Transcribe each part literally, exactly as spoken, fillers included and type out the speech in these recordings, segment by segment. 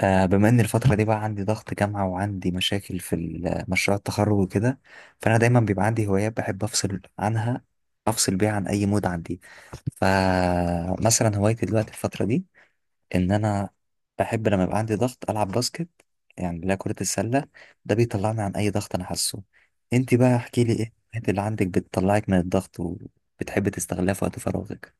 آه، بما ان الفترة دي بقى عندي ضغط جامعة وعندي مشاكل في ال- مشروع التخرج وكده. فانا دايما بيبقى عندي هوايات بحب افصل عنها افصل بيها عن اي مود عندي. فمثلا هوايتي دلوقتي الفترة دي ان انا بحب لما يبقى عندي ضغط العب باسكت، يعني اللي هي كرة السلة. ده بيطلعني عن اي ضغط انا حاسه. انت بقى احكي لي ايه الهوايات اللي عندك بتطلعك من الضغط وبتحب تستغلها في وقت فراغك؟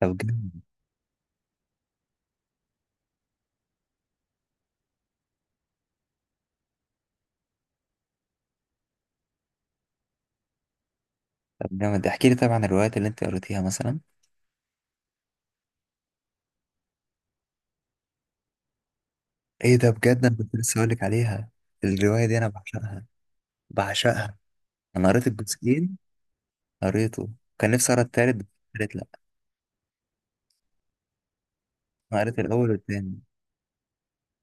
طب جامد. طب جامد احكي لي طبعا الروايات اللي انت قريتيها مثلا. ايه ده، بجد انا كنت لسه هقولك عليها. الرواية دي انا بعشقها. بعشقها. انا قريت الجزئين. قريته. كان نفسي اقرا التالت بس. قريت لا. انا قريت الاول والتاني.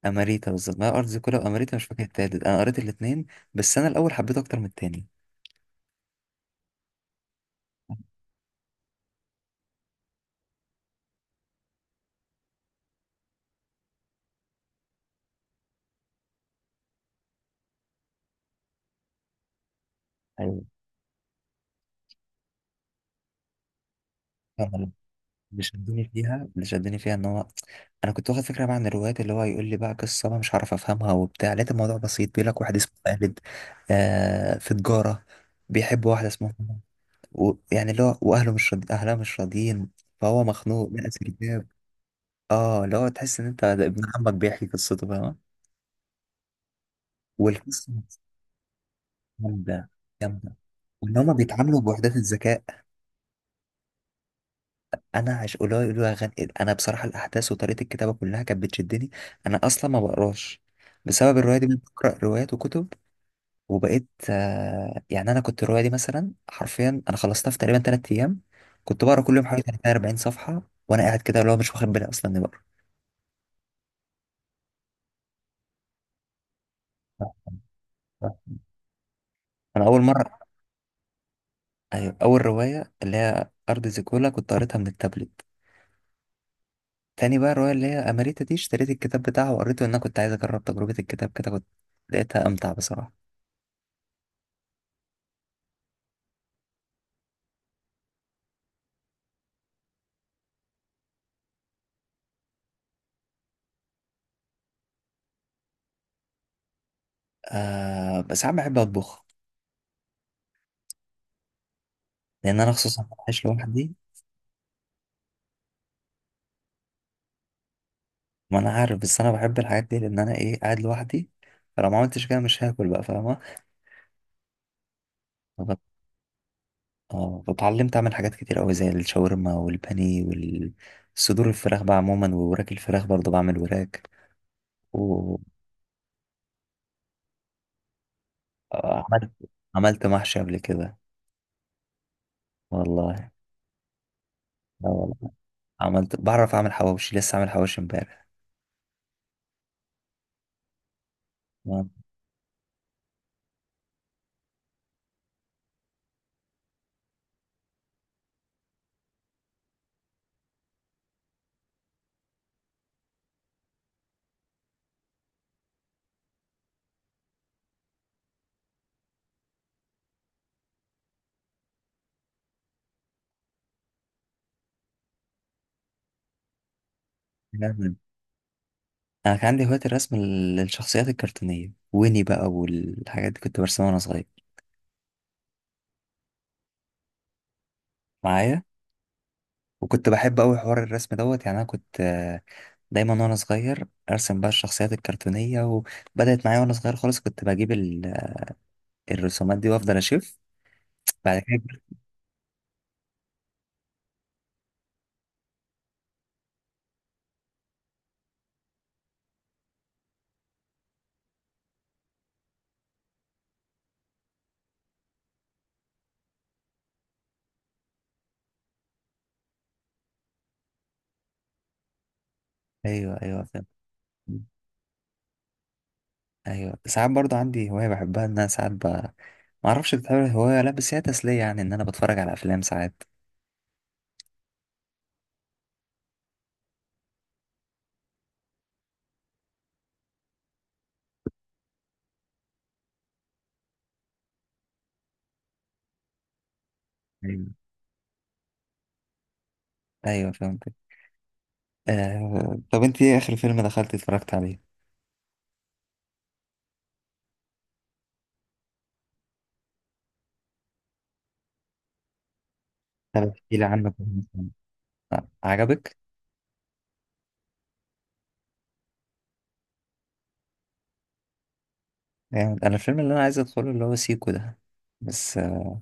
اماريتا، بالظبط، ما هي ارض كلها واماريتا، مش فاكر التالت، انا قريت الاتنين. بس انا الاول حبيته اكتر من التاني. ايوه، فأنا اللي شدني فيها اللي شدني فيها ان هو انا كنت واخد فكره بقى عن الروايات، اللي هو يقول لي بقى قصه انا مش عارف افهمها وبتاع، لقيت الموضوع بسيط، بيقول لك واحد اسمه خالد، آه في تجاره، بيحب واحده اسمها و... يعني، اللي هو واهله مش راضي... اهلها مش راضيين، فهو مخنوق بقى سرداب. اه، اللي هو تحس ان انت ده ابن عمك بيحكي قصته، فاهم؟ والقصه جامده، جامده. وان هما بيتعاملوا بوحدات الذكاء. انا عش قولوا يقولوا يا غن... انا بصراحه الاحداث وطريقه الكتابه كلها كانت بتشدني. انا اصلا ما بقراش، بسبب الروايه دي بقرا روايات وكتب. وبقيت آه يعني، انا كنت الروايه دي مثلا حرفيا انا خلصتها في تقريبا 3 ايام. كنت بقرا كل يوم حوالي ثلاثين اربعين صفحه، وانا قاعد كده اللي هو مش واخد بالي اصلا اني بقرا. انا اول مره. ايوه، اول روايه اللي هي ارض زيكولا كنت قريتها من التابلت. تاني بقى الروايه اللي هي اماريتا دي اشتريت الكتاب بتاعها وقريته، لان انا كنت عايز اجرب تجربه الكتاب كده، كنت لقيتها امتع بصراحه. آه بس انا بحب اطبخ، لان انا خصوصا عايش لوحدي. ما انا عارف، بس انا بحب الحاجات دي لان انا ايه، قاعد لوحدي. فلو ما عملتش كده مش هاكل بقى، فاهمه؟ فب- اه، فاتعلمت اعمل حاجات كتير قوي زي الشاورما والبانيه والصدور الفراخ بقى عموما، ووراك الفراخ برضه بعمل وراك. آه، عملت عملت محشي قبل كده. والله. لا والله. عملت، بعرف اعمل حواوشي، لسه عامل حواوشي امبارح. آه، جامد. انا كان عندي هواية الرسم لل- للشخصيات الكرتونية، ويني بقى والحاجات دي كنت برسمها وانا صغير معايا. وكنت بحب قوي حوار الرسم دوت، يعني انا كنت آه، دايما وانا صغير ارسم بقى الشخصيات الكرتونية، وبدأت معايا وانا صغير خالص كنت بجيب ال- الرسومات دي وافضل اشوف. بعد كده كبرت. ايوه ايوه فهمت. ايوه، ساعات برضو عندي هوايه بحبها ان انا ساعات ب... ما اعرفش بتعمل هوايه ولا لا، بس هي تسليه، يعني ان انا بتفرج على افلام ساعات. ايوه ايوه فهمت. آه... طب انت ايه اخر فيلم دخلت اتفرجت عليه؟ طب احكي لي عنه كده مثلا. آه، عجبك؟ جامد. انا الفيلم اللي انا عايز ادخله اللي هو سيكو ده، بس آه...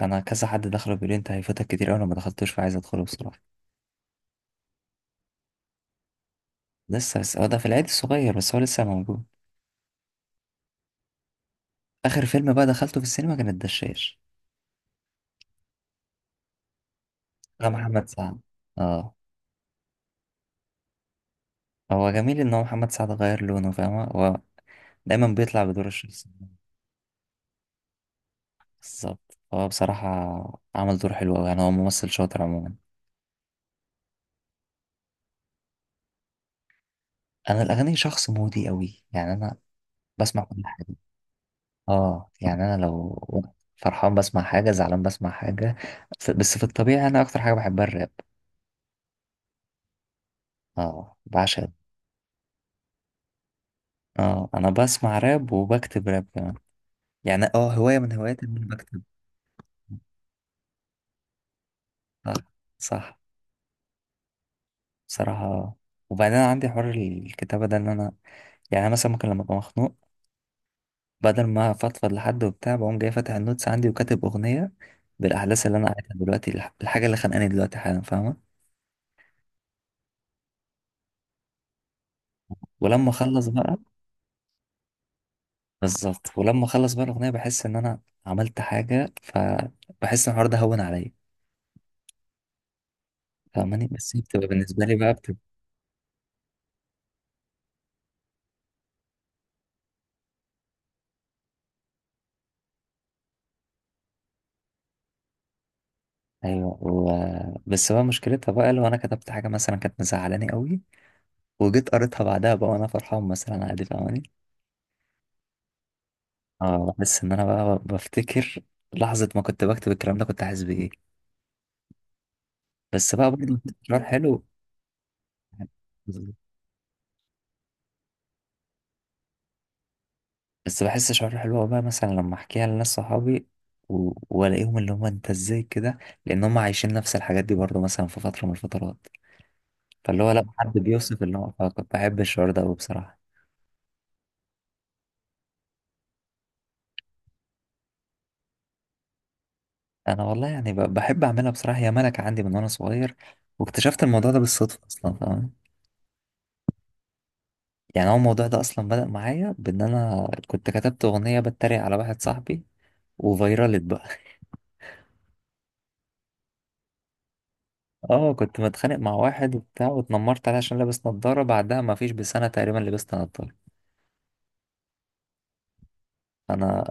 انا كذا حد دخله بيقول لي انت هيفوتك كتير اوي، انا ما دخلتوش فعايز ادخله بصراحه. لسه، بس هو ده في العيد الصغير، بس هو لسه موجود. اخر فيلم بقى دخلته في السينما كان الدشاش. ده محمد سعد. اه. هو جميل ان هو محمد سعد غير لونه، فاهمة؟ هو دايما بيطلع بدور الشخص. بالظبط، هو بصراحة عمل دور حلو أوي، يعني هو ممثل شاطر عموما. أنا الأغاني شخص مودي أوي، يعني أنا بسمع كل حاجة. اه يعني، أنا لو فرحان بسمع حاجة، زعلان بسمع حاجة. ف- بس في الطبيعي أنا أكتر حاجة بحبها الراب. اه بعشق. اه، أنا بسمع راب وبكتب راب كمان. يعني اه، هواية من هواياتي إن أنا بكتب. صح، صح. بصراحة آه. وبعدين أنا عندي حوار الكتابة ده، إن أنا يعني أنا مثلا ممكن لما أبقى مخنوق بدل ما أفضفض لحد وبتاع، بقوم جاي فاتح النوتس عندي وكاتب أغنية بالأحداث اللي أنا قاعدها دلوقتي، الح- الحاجة اللي خانقاني دلوقتي حالا، فاهمة؟ ولما أخلص بقى. بالظبط، ولما أخلص بقى الأغنية بحس إن أنا عملت حاجة، فبحس إن الحوار ده هون عليا، فاهماني؟ بس هي بتبقى بالنسبة لي بقى بتبقى. أيوه و... بس بقى مشكلتها بقى لو أنا كتبت حاجة مثلا كانت مزعلاني قوي، وجيت قريتها بعدها بقى وأنا فرحان مثلا، عادي، فاهماني؟ اه، بحس إن أنا بقى بفتكر لحظة ما كنت بكتب الكلام ده كنت حاسس بإيه. بس بقى برضه شعور حلو. بس بحس شعور حلو أوي بقى، مثلا لما احكيها لناس صحابي و... والاقيهم اللي هم انت ازاي كده، لان هم عايشين نفس الحاجات دي برضه مثلا في فتره من الفترات. فاللي هو لما حد بيوصف اللي هو، فكنت بحب الشعور ده قوي بصراحه. انا والله يعني ب... بحب اعملها بصراحه، هي ملكه عندي من وانا صغير. واكتشفت الموضوع ده بالصدفه اصلا، فاهم؟ يعني هو الموضوع ده اصلا بدأ معايا بان انا كنت كتبت اغنيه بتريق على واحد صاحبي، وفيرالت بقى. اه، كنت متخانق مع واحد وبتاع واتنمرت عليه عشان لابس نظارة. بعدها ما فيش بسنة تقريبا لبست نظارة انا.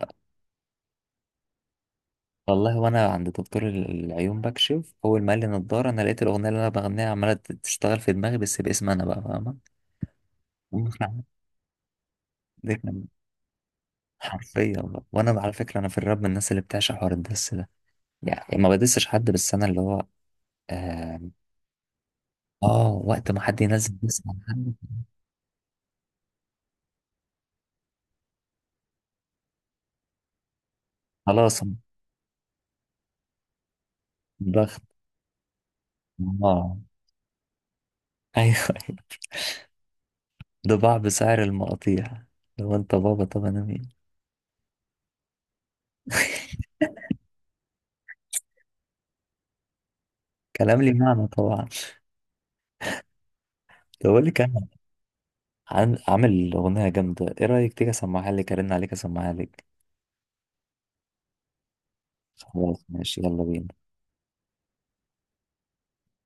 والله، وانا عند دكتور ال- العيون بكشف، اول ما قال لي نظارة انا لقيت الاغنية اللي انا بغنيها عمالة تشتغل في دماغي، بس باسم انا بقى، فاهمة؟ ومقنعة. دي كان حرفيا بقى. وانا على فكرة انا في الراب من الناس اللي بتعشق حوار الدس ده، يعني ما بدسش حد، بس انا اللي هو، اه، آه، وقت ما حد ينزل دس عن حد. خلاص. ضغط. اه ايوه. ده باع بسعر المقاطيع، لو انت بابا طب انا مين. كلام لي معنى طبعا، ده بقول لك انا عن- عامل اغنيه جامده. ايه رايك تيجي اسمعها لك، ارن عليك اسمعها لك؟ خلاص ماشي، يلا بينا.